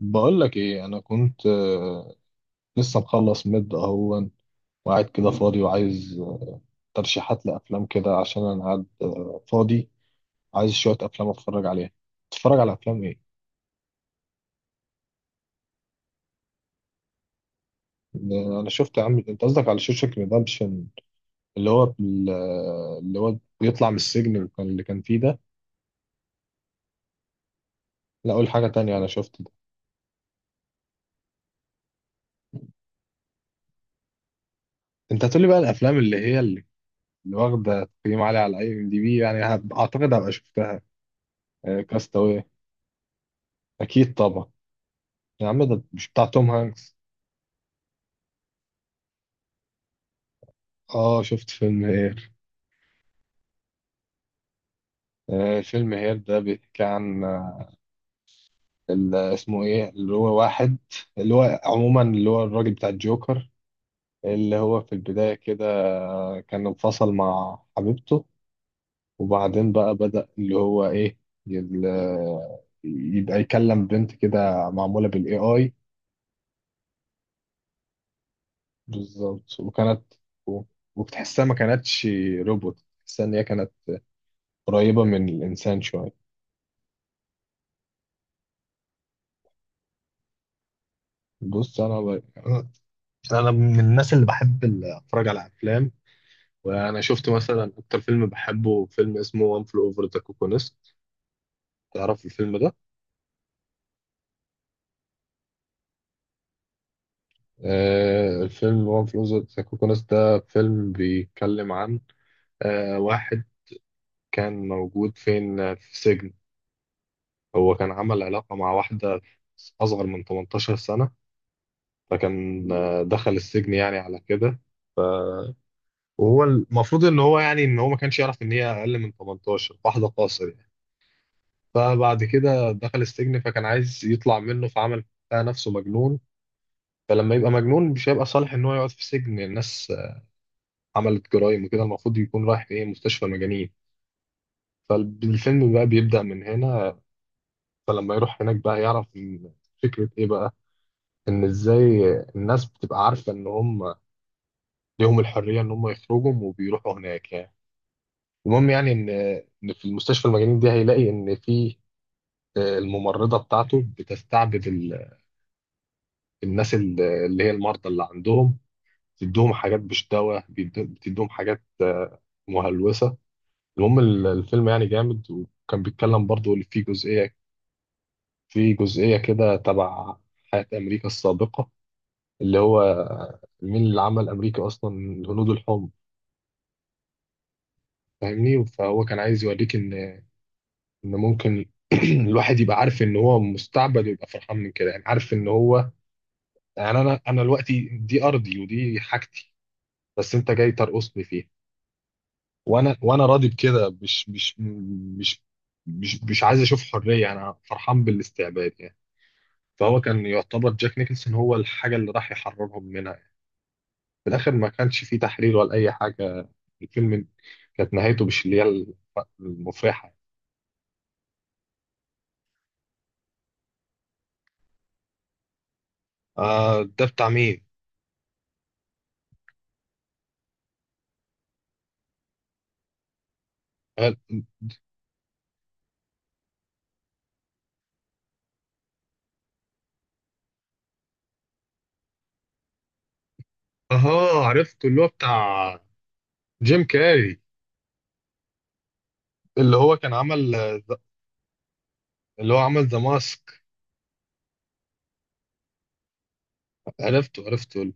بقول لك ايه، انا كنت لسه مخلص مد اهون وقاعد كده فاضي وعايز ترشيحات لافلام كده، عشان انا قاعد فاضي. عايز شويه افلام اتفرج عليها. تتفرج على افلام ايه؟ ده انا شفت يا عم. انت قصدك على شوشك ريدمبشن، اللي هو اللي هو بيطلع من السجن اللي كان فيه ده. لا اقول حاجه تانية، انا شفت ده. انت هتقولي بقى الافلام اللي هي اللي واخده تقييم عالي على اي ام دي بي يعني، اعتقد هبقى شفتها. كاستاوي اكيد طبعا. يا عم ده مش بتاع توم هانكس؟ اه شفت فيلم هير. آه فيلم هير ده بيحكي عن اسمه ايه، اللي هو واحد اللي هو عموما اللي هو الراجل بتاع الجوكر. اللي هو في البداية كده كان انفصل مع حبيبته. وبعدين بقى بدأ اللي هو ايه، يبقى يكلم بنت كده معمولة بالاي اي. بالظبط، وكانت و- وبتحسها ما كانتش روبوت، تحسها ان هي كانت قريبة من الانسان شوية. بص انا بقى انا من الناس اللي بحب اتفرج على افلام، وانا شفت مثلا اكتر فيلم بحبه فيلم اسمه وان فلو اوفر ذا كوكونست. تعرف الفيلم ده؟ آه، الفيلم وان فلو اوفر ذا كوكونست ده فيلم بيتكلم عن واحد كان موجود فين، في سجن. هو كان عمل علاقة مع واحدة اصغر من 18 سنة، فكان دخل السجن يعني على كده. وهو المفروض ان هو يعني ان هو ما كانش يعرف ان هي اقل من 18، واحدة قاصر. فبعد كده دخل السجن، فكان عايز يطلع منه، فعمل بتاع نفسه مجنون. فلما يبقى مجنون مش هيبقى صالح ان هو يقعد في السجن، الناس عملت جرائم وكده المفروض يكون رايح ايه، مستشفى مجانين. فالفيلم بقى بيبدأ من هنا. فلما يروح هناك بقى يعرف إن فكرة ايه بقى، ان ازاي الناس بتبقى عارفة ان هم ليهم الحرية ان هم يخرجوا وبيروحوا هناك يعني. المهم يعني ان إن في المستشفى المجانين دي هيلاقي ان في الممرضة بتاعته بتستعبد الناس، اللي هي المرضى اللي عندهم، بتدوهم حاجات مش دواء، بتدوهم حاجات مهلوسة. المهم الفيلم يعني جامد، وكان بيتكلم برضو اللي فيه جزئية. في جزئية كده تبع حياة أمريكا السابقة، اللي هو مين اللي عمل أمريكا أصلا، الهنود الحمر. فاهمني؟ فهو كان عايز يوريك إن إن ممكن الواحد يبقى عارف إن هو مستعبد ويبقى فرحان من كده يعني، عارف إن هو يعني أنا دلوقتي دي أرضي ودي حاجتي، بس أنت جاي ترقصني فيها وانا راضي بكده، مش مش عايز اشوف حريه يعني، انا فرحان بالاستعباد يعني. فهو كان يعتبر جاك نيكلسون هو الحاجه اللي راح يحررهم منها يعني. في الاخر ما كانش فيه تحرير ولا اي حاجه، الفيلم كانت نهايته مش اللي هي المفرحه. آه ده بتاع مين؟ قال- اها عرفت، اللي هو بتاع جيم كاري، اللي هو كان عمل، اللي هو عمل ذا ماسك. عرفته، عرفته.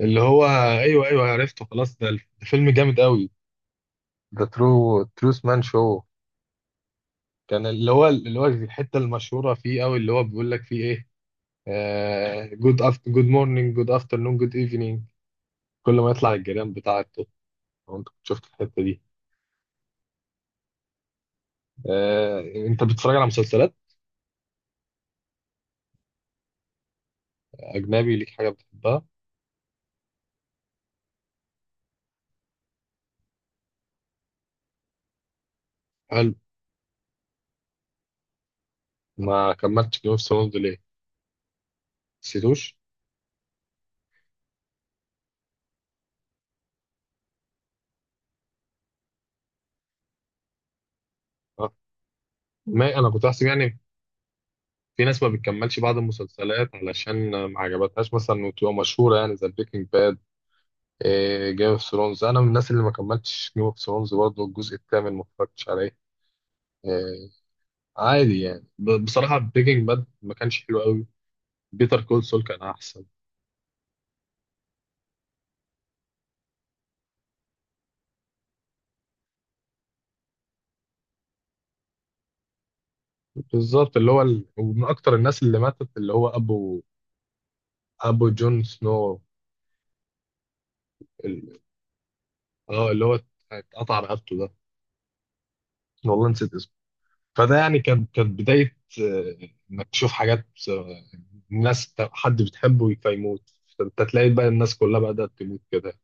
اللي هو ايوه ايوه عرفته خلاص، ده فيلم جامد قوي. ذا ترو تروس مان شو، كان اللي هو الحته المشهوره فيه قوي، اللي هو بيقول لك فيه ايه، جود أفت جود مورنينج جود افترنون جود ايفنينج، كل ما يطلع الجيران بتاعته. لو انت كنت شفت الحته دي. آه، انت بتتفرج على مسلسلات اجنبي؟ ليك حاجه بتحبها؟ هل ما كملتش جيم اوف ثرونز ليه؟ نسيتوش؟ آه. ما انا كنت احسب يعني في ناس ما بتكملش بعض المسلسلات علشان ما عجبتهاش مثلا وتبقى مشهوره يعني زي بريكنج باد. جيم اوف ثرونز، انا من الناس اللي ما كملتش جيم اوف ثرونز برضه، الجزء الثامن ما اتفرجتش عليه آه، عادي يعني. بصراحه بريكنج باد ما كانش حلو قوي، بيتر كول سول كان احسن. بالظبط اللي هو ومن اكتر الناس اللي ماتت اللي هو ابو، جون سنو، ال... اه اللي هو اتقطع رقبته ده، والله نسيت اسمه. فده يعني كانت بدايه انك تشوف حاجات الناس حد بتحبه فيموت، فانت تلاقي بقى الناس كلها بدأت تموت كده.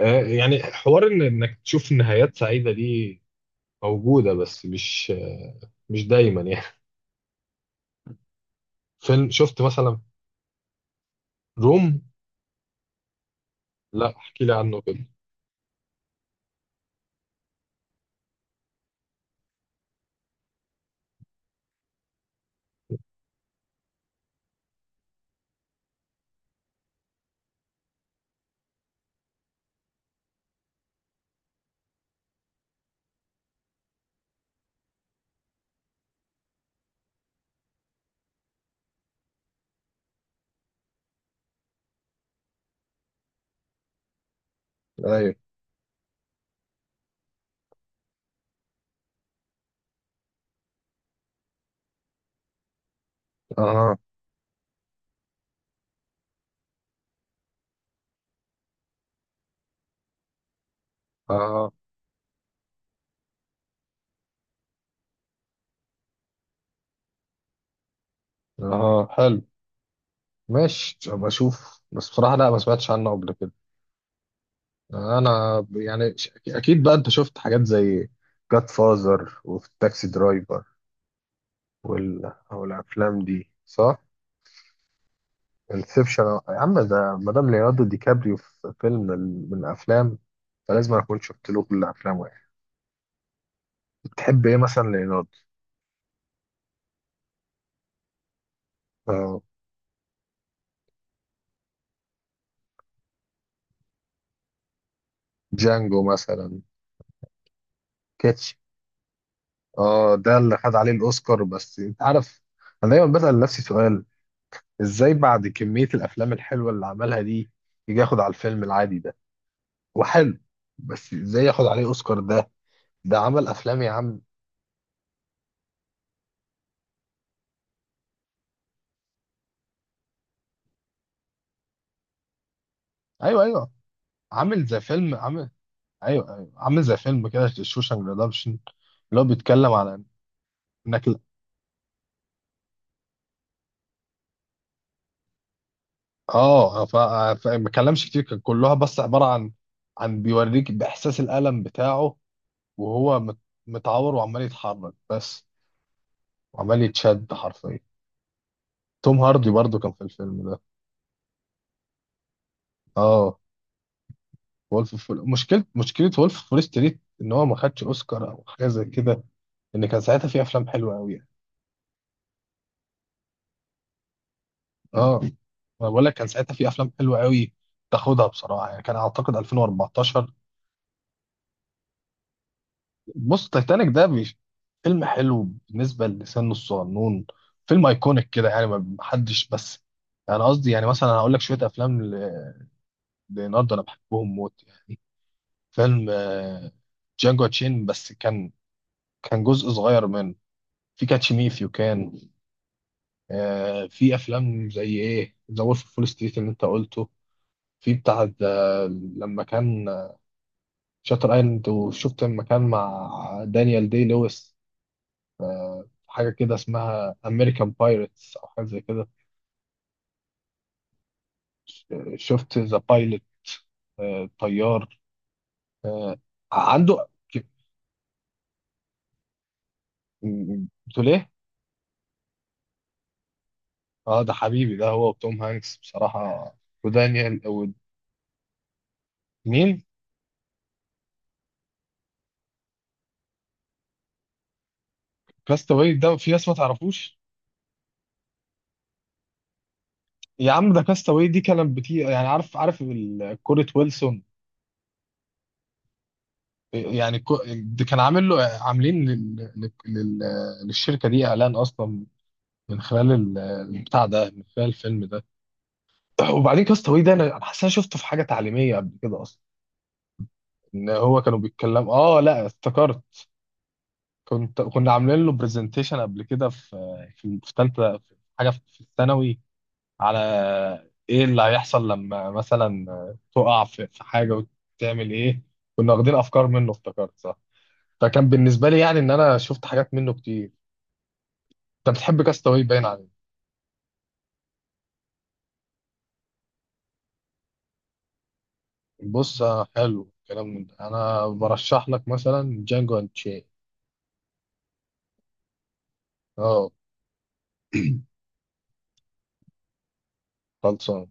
يعني حوار إن انك تشوف نهايات سعيدة دي موجودة، بس مش مش دايما يعني. فيلم شفت مثلا روم. لا احكي لي عنه كده. ايوه، اها اها اها حلو. ماشي ابقى اشوف، بس بصراحه لا ما سمعتش عنه قبل كده. يعني اكيد بقى انت شفت حاجات زي جاد فازر وفي تاكسي درايفر او الافلام دي صح. انسبشن يا عم ده مدام ليوناردو دي كابريو في فيلم من افلام، فلازم اكون شفت له كل افلامه يعني. بتحب ايه مثلا ليوناردو؟ آه، جانجو مثلا. كاتش. اه ده اللي خد عليه الاوسكار، بس انت عارف انا دايما بسأل نفسي سؤال، ازاي بعد كمية الافلام الحلوة اللي عملها دي يجي ياخد على الفيلم العادي ده؟ وحلو، بس ازاي ياخد عليه اوسكار ده؟ ده عمل افلام يا عم. ايوه ايوه عامل زي فيلم، عامل، ايوه ايوه عامل زي فيلم كده شوشانك ريدمشن، اللي هو بيتكلم على انك اه، ما اتكلمش كتير، كان كلها بس عباره عن، عن بيوريك باحساس الالم بتاعه، وهو متعور وعمال يتحرك بس، وعمال يتشد حرفيا. توم هاردي برضو كان في الفيلم ده. اه مشكله وولف فول ستريت ان هو ما خدش اوسكار او حاجه زي كده، ان كان ساعتها في افلام حلوه قوي يعني. اه انا بقول لك كان ساعتها في افلام حلوه قوي تاخدها بصراحه، يعني كان اعتقد 2014. بص تايتانيك ده فيلم حلو بالنسبة لسنه الصغنون، فيلم ايكونيك كده يعني ما حدش. بس انا قصدي يعني مثلا هقول لك شوية افلام ليوناردو انا بحبهم موت يعني. فيلم جانجو تشين بس كان كان جزء صغير منه. في كاتش مي إف يو كان في افلام زي ايه، ذا وولف فول ستريت اللي انت قلته. في بتاع ده لما كان، شاتر ايلاند. وشفت لما كان مع دانيال دي لويس حاجة كده اسمها أمريكان بايرتس أو حاجة زي كده. شفت ذا بايلوت؟ طيار آه، عنده. ك- بتقول إيه؟ أه ده حبيبي ده، هو وتوم هانكس بصراحة، ودانيال. ومين؟ كاستاوي ده في ناس ما تعرفوش. يا عم ده كاستاوي دي كانت بتي يعني، عارف، عارف كرة ويلسون. يعني ده كان عامل له، عاملين للشركة دي إعلان أصلا، من خلال البتاع ده، من خلال الفيلم ده. وبعدين كاست اواي ده انا حاسس إن انا شفته في حاجه تعليميه قبل كده اصلا، ان هو كانوا بيتكلموا اه لا افتكرت. كنا عاملين له برزنتيشن قبل كده في في ثالثه، في حاجه، في الثانوي، على ايه اللي هيحصل لما مثلا تقع في حاجه وتعمل ايه. كنا واخدين افكار منه افتكرت صح. فكان بالنسبه لي يعني ان انا شفت حاجات منه كتير. انت بتحب كاستاوي باين عليك. بص حلو الكلام من ده، انا برشح لك مثلا جانجو اند تشين. اه خلصان.